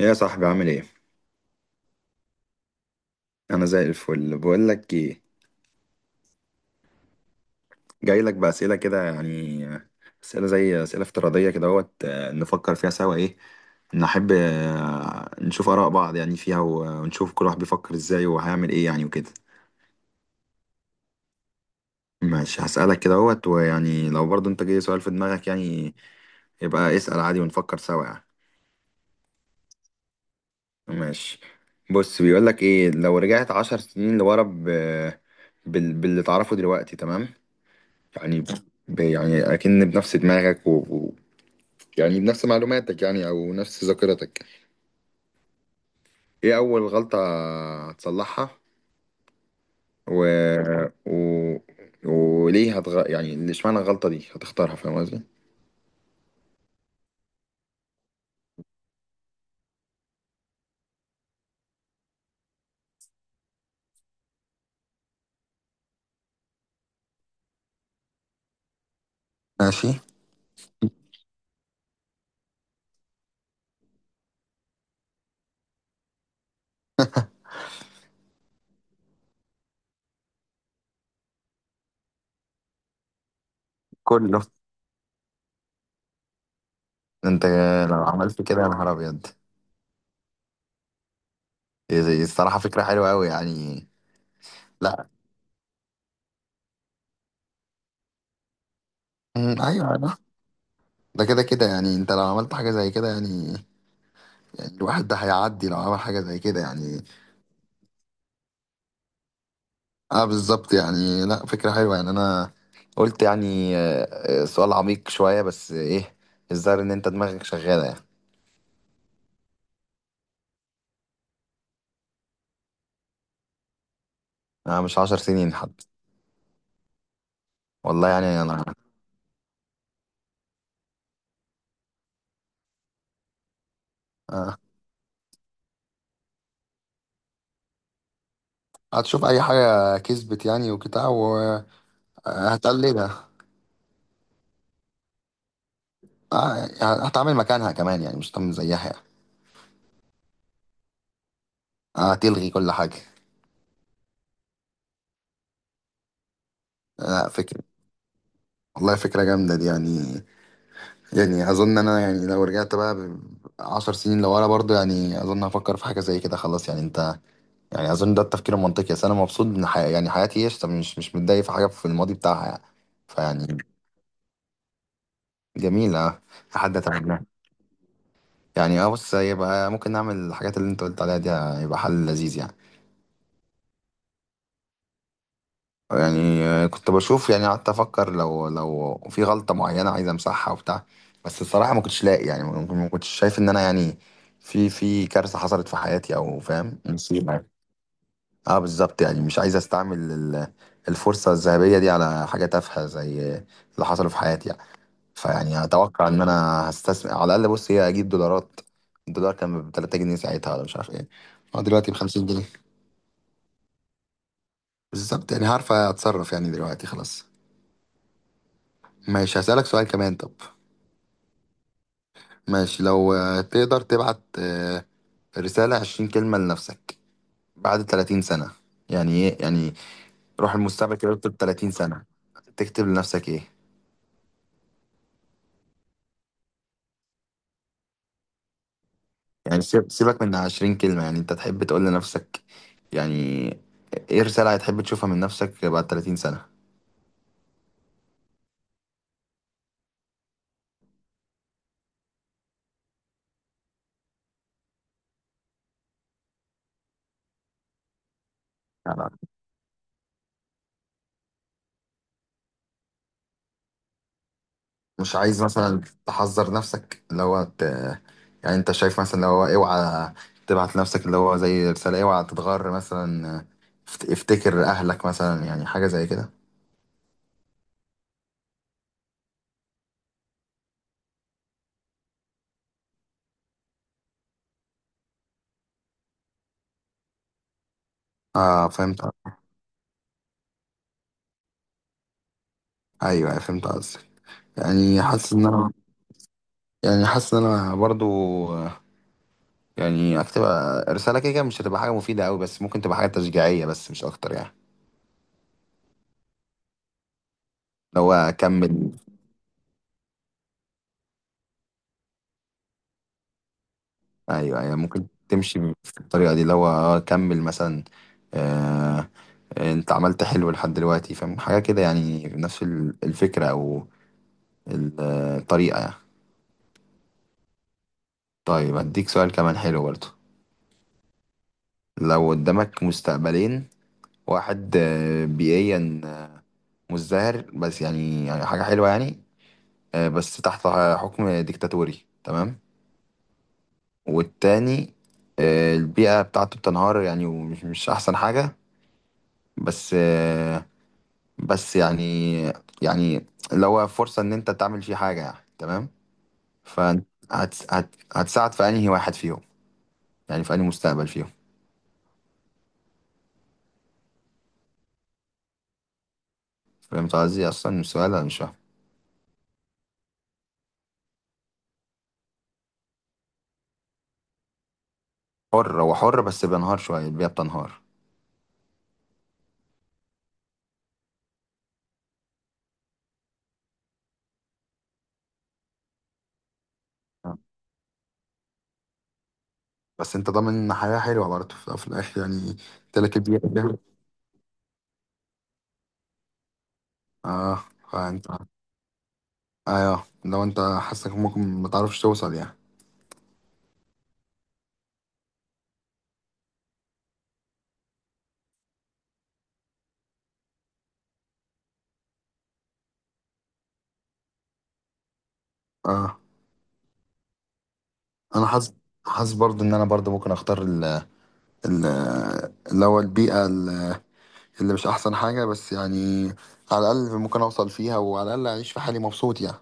يا صاحبي عامل ايه؟ انا زي الفل. بقول لك ايه، جاي لك باسئله كده يعني، اسئله زي اسئله افتراضيه كده اهوت، نفكر فيها سوا. ايه، نحب نشوف اراء بعض يعني فيها ونشوف كل واحد بيفكر ازاي وهيعمل ايه يعني وكده. ماشي هسالك كده اهوت، ويعني لو برضو انت جاي سؤال في دماغك يعني، يبقى اسال عادي ونفكر سوا يعني. ماشي، بص بيقول لك ايه: لو رجعت عشر سنين لورا باللي تعرفه دلوقتي، تمام؟ يعني يعني اكن بنفس دماغك يعني بنفس معلوماتك يعني او نفس ذاكرتك. ايه اول غلطة هتصلحها و... و... وليه يعني اللي اشمعنى الغلطة دي هتختارها، فاهم قصدي؟ ماشي. كله؟ انت لو عملت كده يا نهار ابيض. الصراحة فكرة حلوة قوي يعني. لا، ايوه. انا، ده كده كده يعني، انت لو عملت حاجة زي كده يعني، يعني الواحد ده هيعدي لو عمل حاجة زي كده يعني. اه بالظبط يعني. لا فكرة حلوة يعني. انا قلت يعني سؤال عميق شوية بس ايه، الظاهر ان انت دماغك شغالة يعني. انا مش عشر سنين حد، والله يعني انا. آه، هتشوف اي حاجة كسبت يعني وبتاع وهتقلدها. آه هتعمل مكانها كمان يعني، مش هتعمل زيها يعني. هتلغي كل حاجة. لا فكرة، والله فكرة جامدة دي يعني. يعني أظن أنا يعني لو رجعت بقى عشر سنين لورا برضو، يعني أظن هفكر في حاجة زي كده، خلاص يعني أنت. يعني اظن ده التفكير المنطقي، اصل انا مبسوط ان يعني حياتي قشطه، مش متضايق في حاجه في الماضي بتاعها يعني. فيعني جميله لحد اتمناه يعني. اه بص، يبقى ممكن نعمل الحاجات اللي انت قلت عليها دي، يبقى حل لذيذ يعني. يعني كنت بشوف يعني، قعدت افكر لو في غلطه معينه عايز امسحها وبتاع، بس الصراحه ما كنتش لاقي يعني، ما كنتش شايف ان انا يعني في في كارثه حصلت في حياتي او فاهم مصيبه. اه بالظبط يعني. مش عايز استعمل الفرصة الذهبية دي على حاجة تافهة زي اللي حصل في حياتي يعني. فيعني اتوقع ان انا هستثمر على الاقل، بص هي اجيب دولارات. الدولار كان ب 3 جنيه ساعتها ولا مش عارف ايه. اه دلوقتي ب 50 جنيه. بالظبط يعني، عارف اتصرف يعني دلوقتي خلاص. ماشي هسألك سؤال كمان طب. ماشي، لو تقدر تبعت رسالة 20 كلمة لنفسك بعد 30 سنة، يعني ايه يعني، روح المستقبل كده اكتب 30 سنة، تكتب لنفسك ايه؟ يعني سيبك من 20 كلمة يعني، انت تحب تقول لنفسك يعني ايه رسالة، هتحب تشوفها من نفسك بعد 30 سنة؟ يعني مش عايز مثلا تحذر نفسك اللي هو يعني انت شايف مثلا اللي هو اوعى تبعت لنفسك اللي هو زي رسالة اوعى تتغر مثلا، افتكر اهلك مثلا، يعني حاجة زي كده. اه فهمت، ايوه فهمت قصدك. يعني حاسس ان انا يعني، حاسس ان انا برضو يعني هكتبها رسالة كده كده، مش هتبقى حاجة مفيدة أوي بس ممكن تبقى حاجة تشجيعية بس مش أكتر يعني. اللي هو أكمل. أيوه أيوه، ممكن تمشي بالطريقة دي اللي هو، كمل مثلا. آه أنت عملت حلو لحد دلوقتي، فاهم حاجة كده يعني نفس الفكرة أو الطريقة يعني. طيب هديك سؤال كمان حلو برضه. لو قدامك مستقبلين: واحد بيئيا مزدهر بس، يعني يعني حاجة حلوة يعني، بس تحت حكم ديكتاتوري، تمام. والتاني البيئة بتاعته بتنهار يعني، ومش مش أحسن حاجة، بس آه، بس يعني، يعني اللي هو فرصة إن أنت تعمل فيه حاجة يعني، تمام. فهتساعد في أنهي واحد فيهم، يعني في أنهي مستقبل فيهم؟ فهمت قصدي أصلا السؤال أنا مش فاهم. حر، هو حر بس بينهار شوية، البيئة بتنهار. آه. بس انت ضامن حياة حلوة برضه في في الاخر يعني، تلك البيئة فاهم؟ اه، فانت، ايوه لو انت حاسك ممكن ما تعرفش توصل يعني. اه انا حاسس، حاسس برضو ان انا برضو ممكن اختار ال ال اللي هو البيئه اللي مش احسن حاجه بس يعني، على الاقل ممكن اوصل فيها وعلى الاقل اعيش في حالي مبسوط يعني.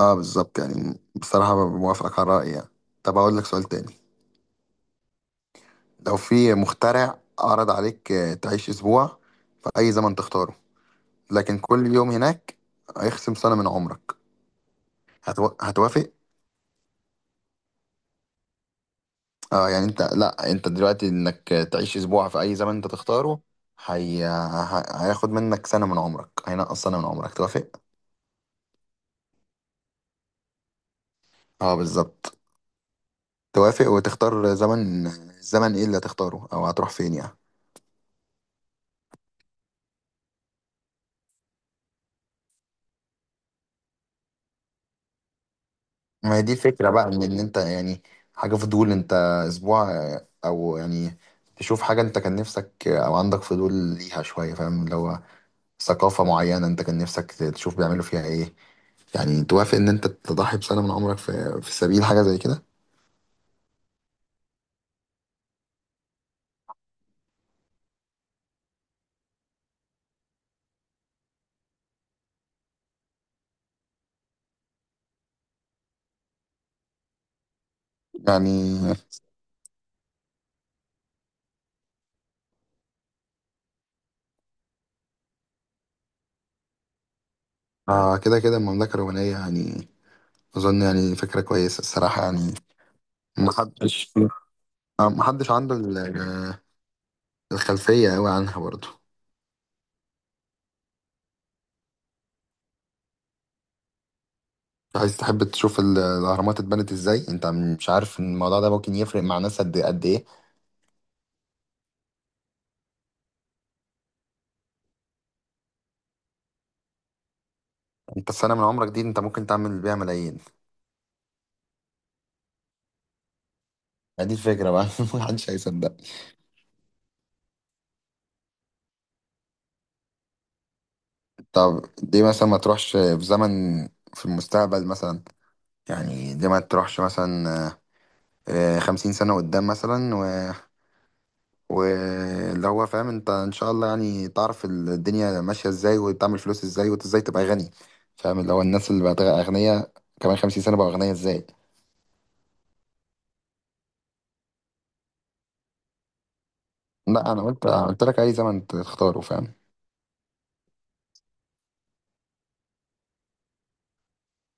اه بالظبط يعني، بصراحه موافقك على رايي يعني. طب اقول لك سؤال تاني. لو في مخترع عرض عليك تعيش اسبوع في اي زمن تختاره، لكن كل يوم هناك هيخصم سنه من عمرك، هتوافق؟ اه يعني انت، لا انت دلوقتي انك تعيش اسبوع في اي زمن انت تختاره، هياخد منك سنة من عمرك، هينقص سنة من عمرك، توافق؟ اه بالظبط. توافق وتختار زمن، الزمن ايه اللي هتختاره او هتروح فين يعني؟ ما هي دي الفكرة بقى، ان إن انت يعني حاجة فضول، انت اسبوع او يعني تشوف حاجة انت كان نفسك او عندك فضول ليها شوية، فاهم اللي هو ثقافة معينة انت كان نفسك تشوف بيعملوا فيها ايه، يعني توافق ان انت تضحي بسنة من عمرك في في سبيل حاجة زي كده؟ يعني آه كده كده المملكة الرومانية يعني. أظن يعني فكرة كويسة الصراحة يعني. محدش، محدش عنده الخلفية أوي عنها برضه. عايز تحب تشوف الأهرامات اتبنت إزاي؟ أنت مش عارف إن الموضوع ده ممكن يفرق مع ناس قد قد إيه. أنت السنة من عمرك دي أنت ممكن تعمل بيها ملايين، يعني دي الفكرة بقى. محدش هيصدق. طب دي مثلا ما تروحش في زمن، في المستقبل مثلا. يعني دي ما تروحش مثلا خمسين سنة قدام مثلا، واللي هو فاهم انت ان شاء الله يعني تعرف الدنيا ماشية ازاي وتعمل فلوس ازاي، وانت ازاي تبقى غني، فاهم اللي هو الناس اللي بقت اغنياء كمان 50 سنة بقى اغنياء ازاي. لا انا قلت لك اي زمن تختاره فاهم.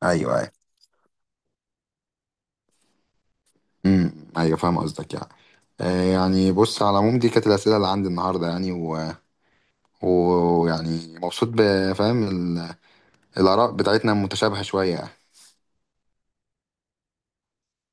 ايوه ايوه. امم، ايوه فاهم قصدك يعني. يعني بص، على العموم دي كانت الأسئلة اللي عندي النهاردة يعني ويعني مبسوط، بفهم الآراء بتاعتنا متشابهة شوية يعني.